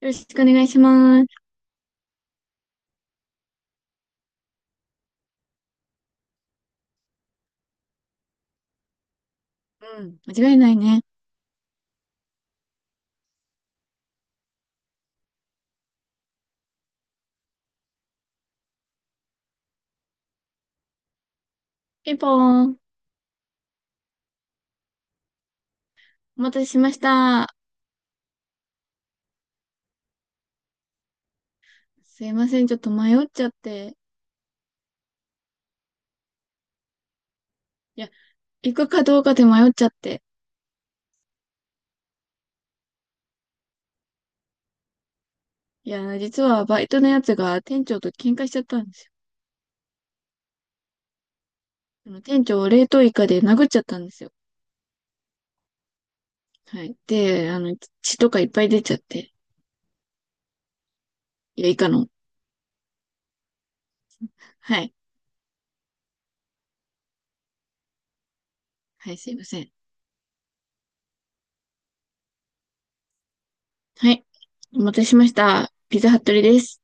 よろしくお願いします。うん、間違いないね。ピンポーン。お待たせしました。すいません、ちょっと迷っちゃって。いや、行くかどうかで迷っちゃって。いや、実はバイトのやつが店長と喧嘩しちゃったんですよ。あの店長を冷凍イカで殴っちゃったんですよ。はい。で、血とかいっぱい出ちゃって。いや、イカの。はい。はい、すいません。はい。お待たせしました。ピザハットリです。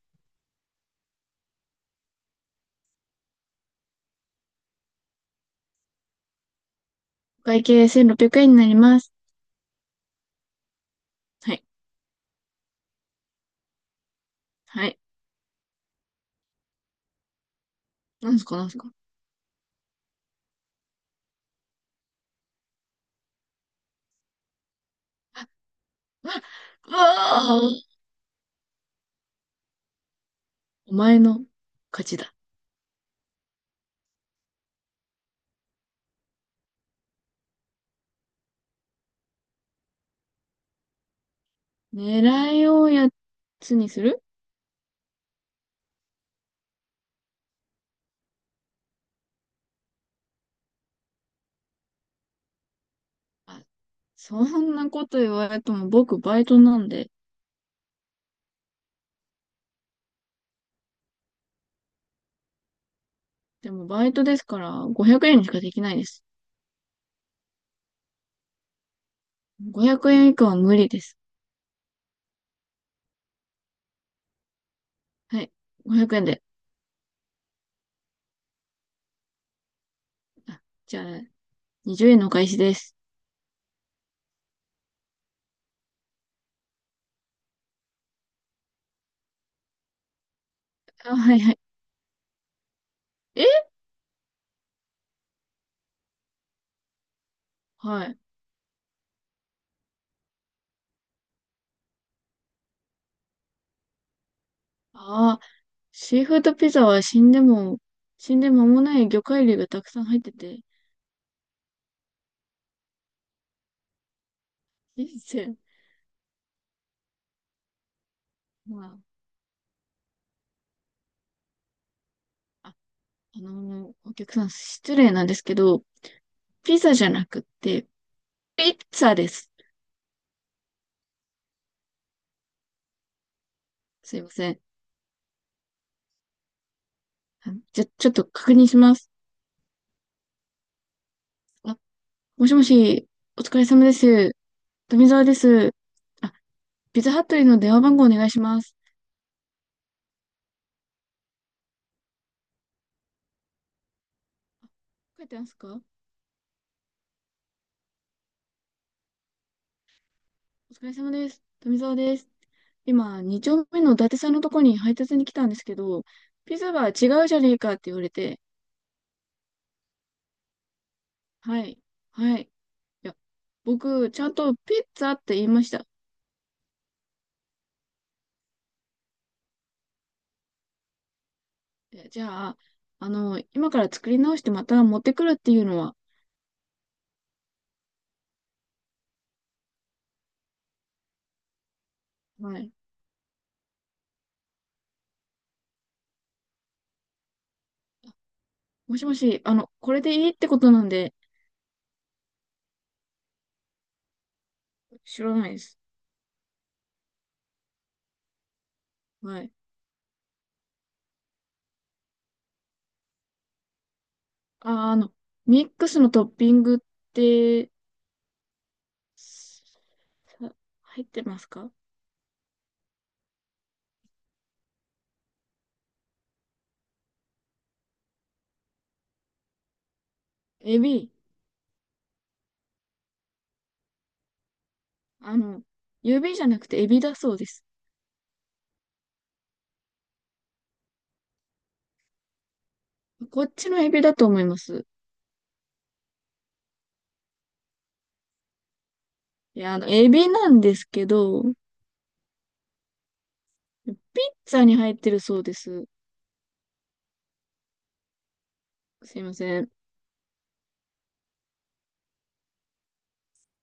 お会計1600円になります。はい。はい。なんすか、なんすか。あ、あ、ああお前の勝ちだ。狙いをやつにする。あ、そんなこと言われても僕バイトなんで。でもバイトですから500円にしかできないです。500円以下は無理です。はい。500円で。あ、じゃあ、20円のお返しです。あ、はいはい。えはい。ああ、シーフードピザは死んでも、死んで間もない魚介類がたくさん入ってて、人生、まあ、あ、お客さん失礼なんですけど、ピザじゃなくって、ピッツァです。すいません。じゃ、ちょっと確認します。あ、もしもし、お疲れ様です。富澤です。あ、ピザハットリーの電話番号お願いします。書いてますか？お疲れ様です。富澤です。今、2丁目の伊達さんのとこに配達に来たんですけど、ピザは違うじゃねえかって言われて、はい、はい。いや、僕、ちゃんとピッツァって言いました。じゃあ、今から作り直してまた持ってくるっていうのは、はい。もしもし、これでいいってことなんで、知らないです。はい。あ、あの、ミックスのトッピングって、さ入ってますか？エビ。あの、指じゃなくてエビだそうです。こっちのエビだと思います。いや、エビなんですけど、ピッツァに入ってるそうです。すいません。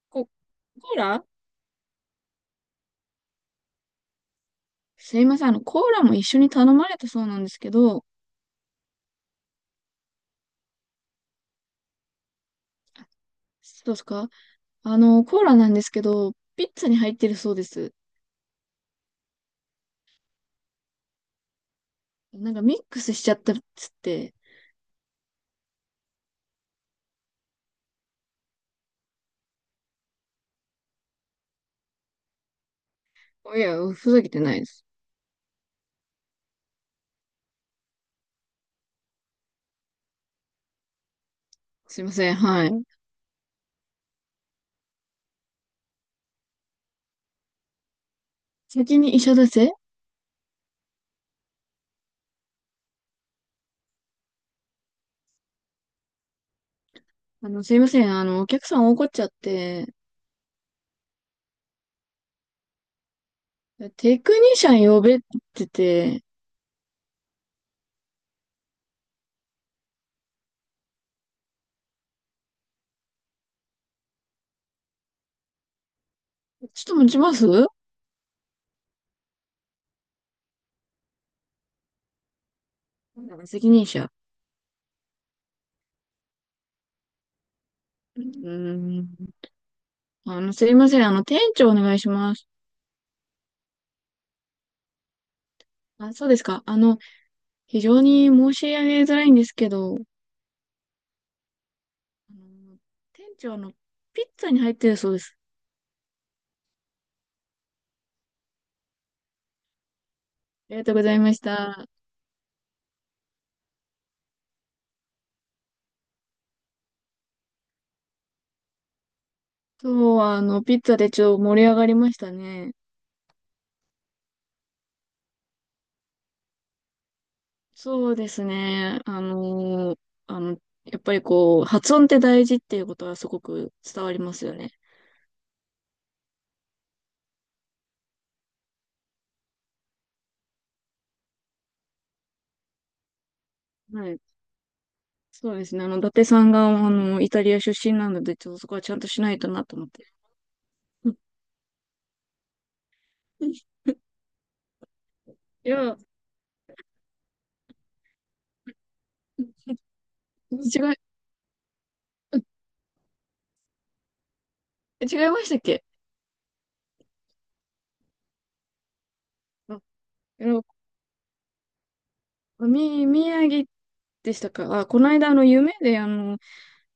コーラ。すいません。コーラも一緒に頼まれたそうなんですけど、あそうですか？コーラなんですけど、ピッツァに入ってるそうです。なんかミックスしちゃったっつって。いや、ふざけてないです。すいません、はい。先に医者だせ。すいません、お客さん怒っちゃって、テクニシャン呼べって言ってて、ちょっと持ちます。責任者。うーん。すいません、店長お願いします。あ、そうですか。非常に申し上げづらいんですけど、の店長、ピッツァに入ってるそうです。ありがとうございました。そう、ピッツァでちょっと盛り上がりましたね。そうですね。あの、やっぱりこう、発音って大事っていうことはすごく伝わりますよね。はい。そうですね。伊達さんが、イタリア出身なので、ちょっとそこはちゃんとしないとなと思って。いや、違い、違いましたっけ？あ、いや、み、宮城でしたか？あ、この間、夢で、あの、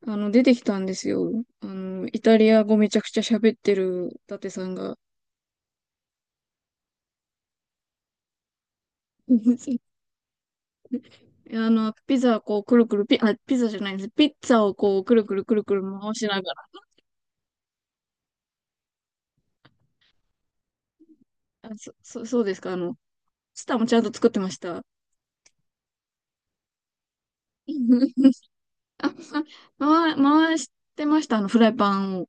あの、出てきたんですよ。イタリア語めちゃくちゃ喋ってる伊達さんが。ピザをこう、くるくるピ、あ、ピザじゃないです。ピッツァをこう、くるくるくるくる回しながら。そうですか。スタもちゃんと作ってました。あ、回してました。フライパンを。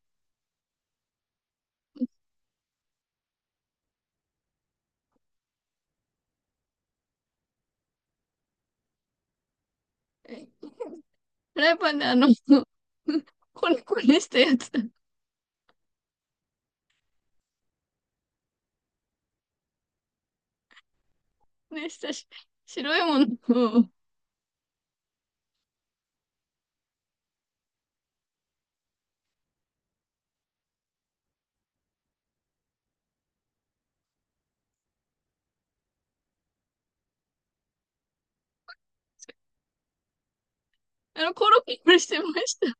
えフライパンでこねこねしたやつ。ね、したし、白いものを、コロッケしてました。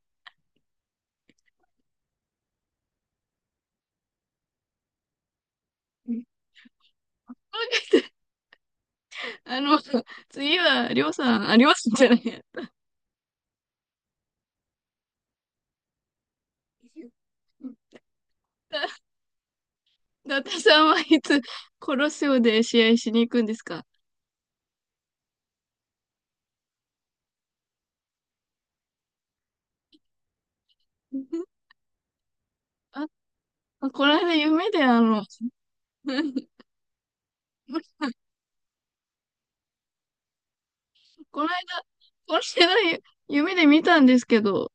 あの、次は、りょうさんじゃないや。だ、だたさんはいつ、コロッセオで試合しに行くんですか？ あ、この間夢でこの間、この間夢で見たんですけど、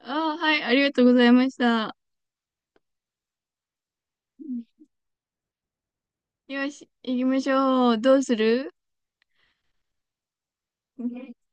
ああ、はい、ありがとうございました。よし、行きましょう。どうする？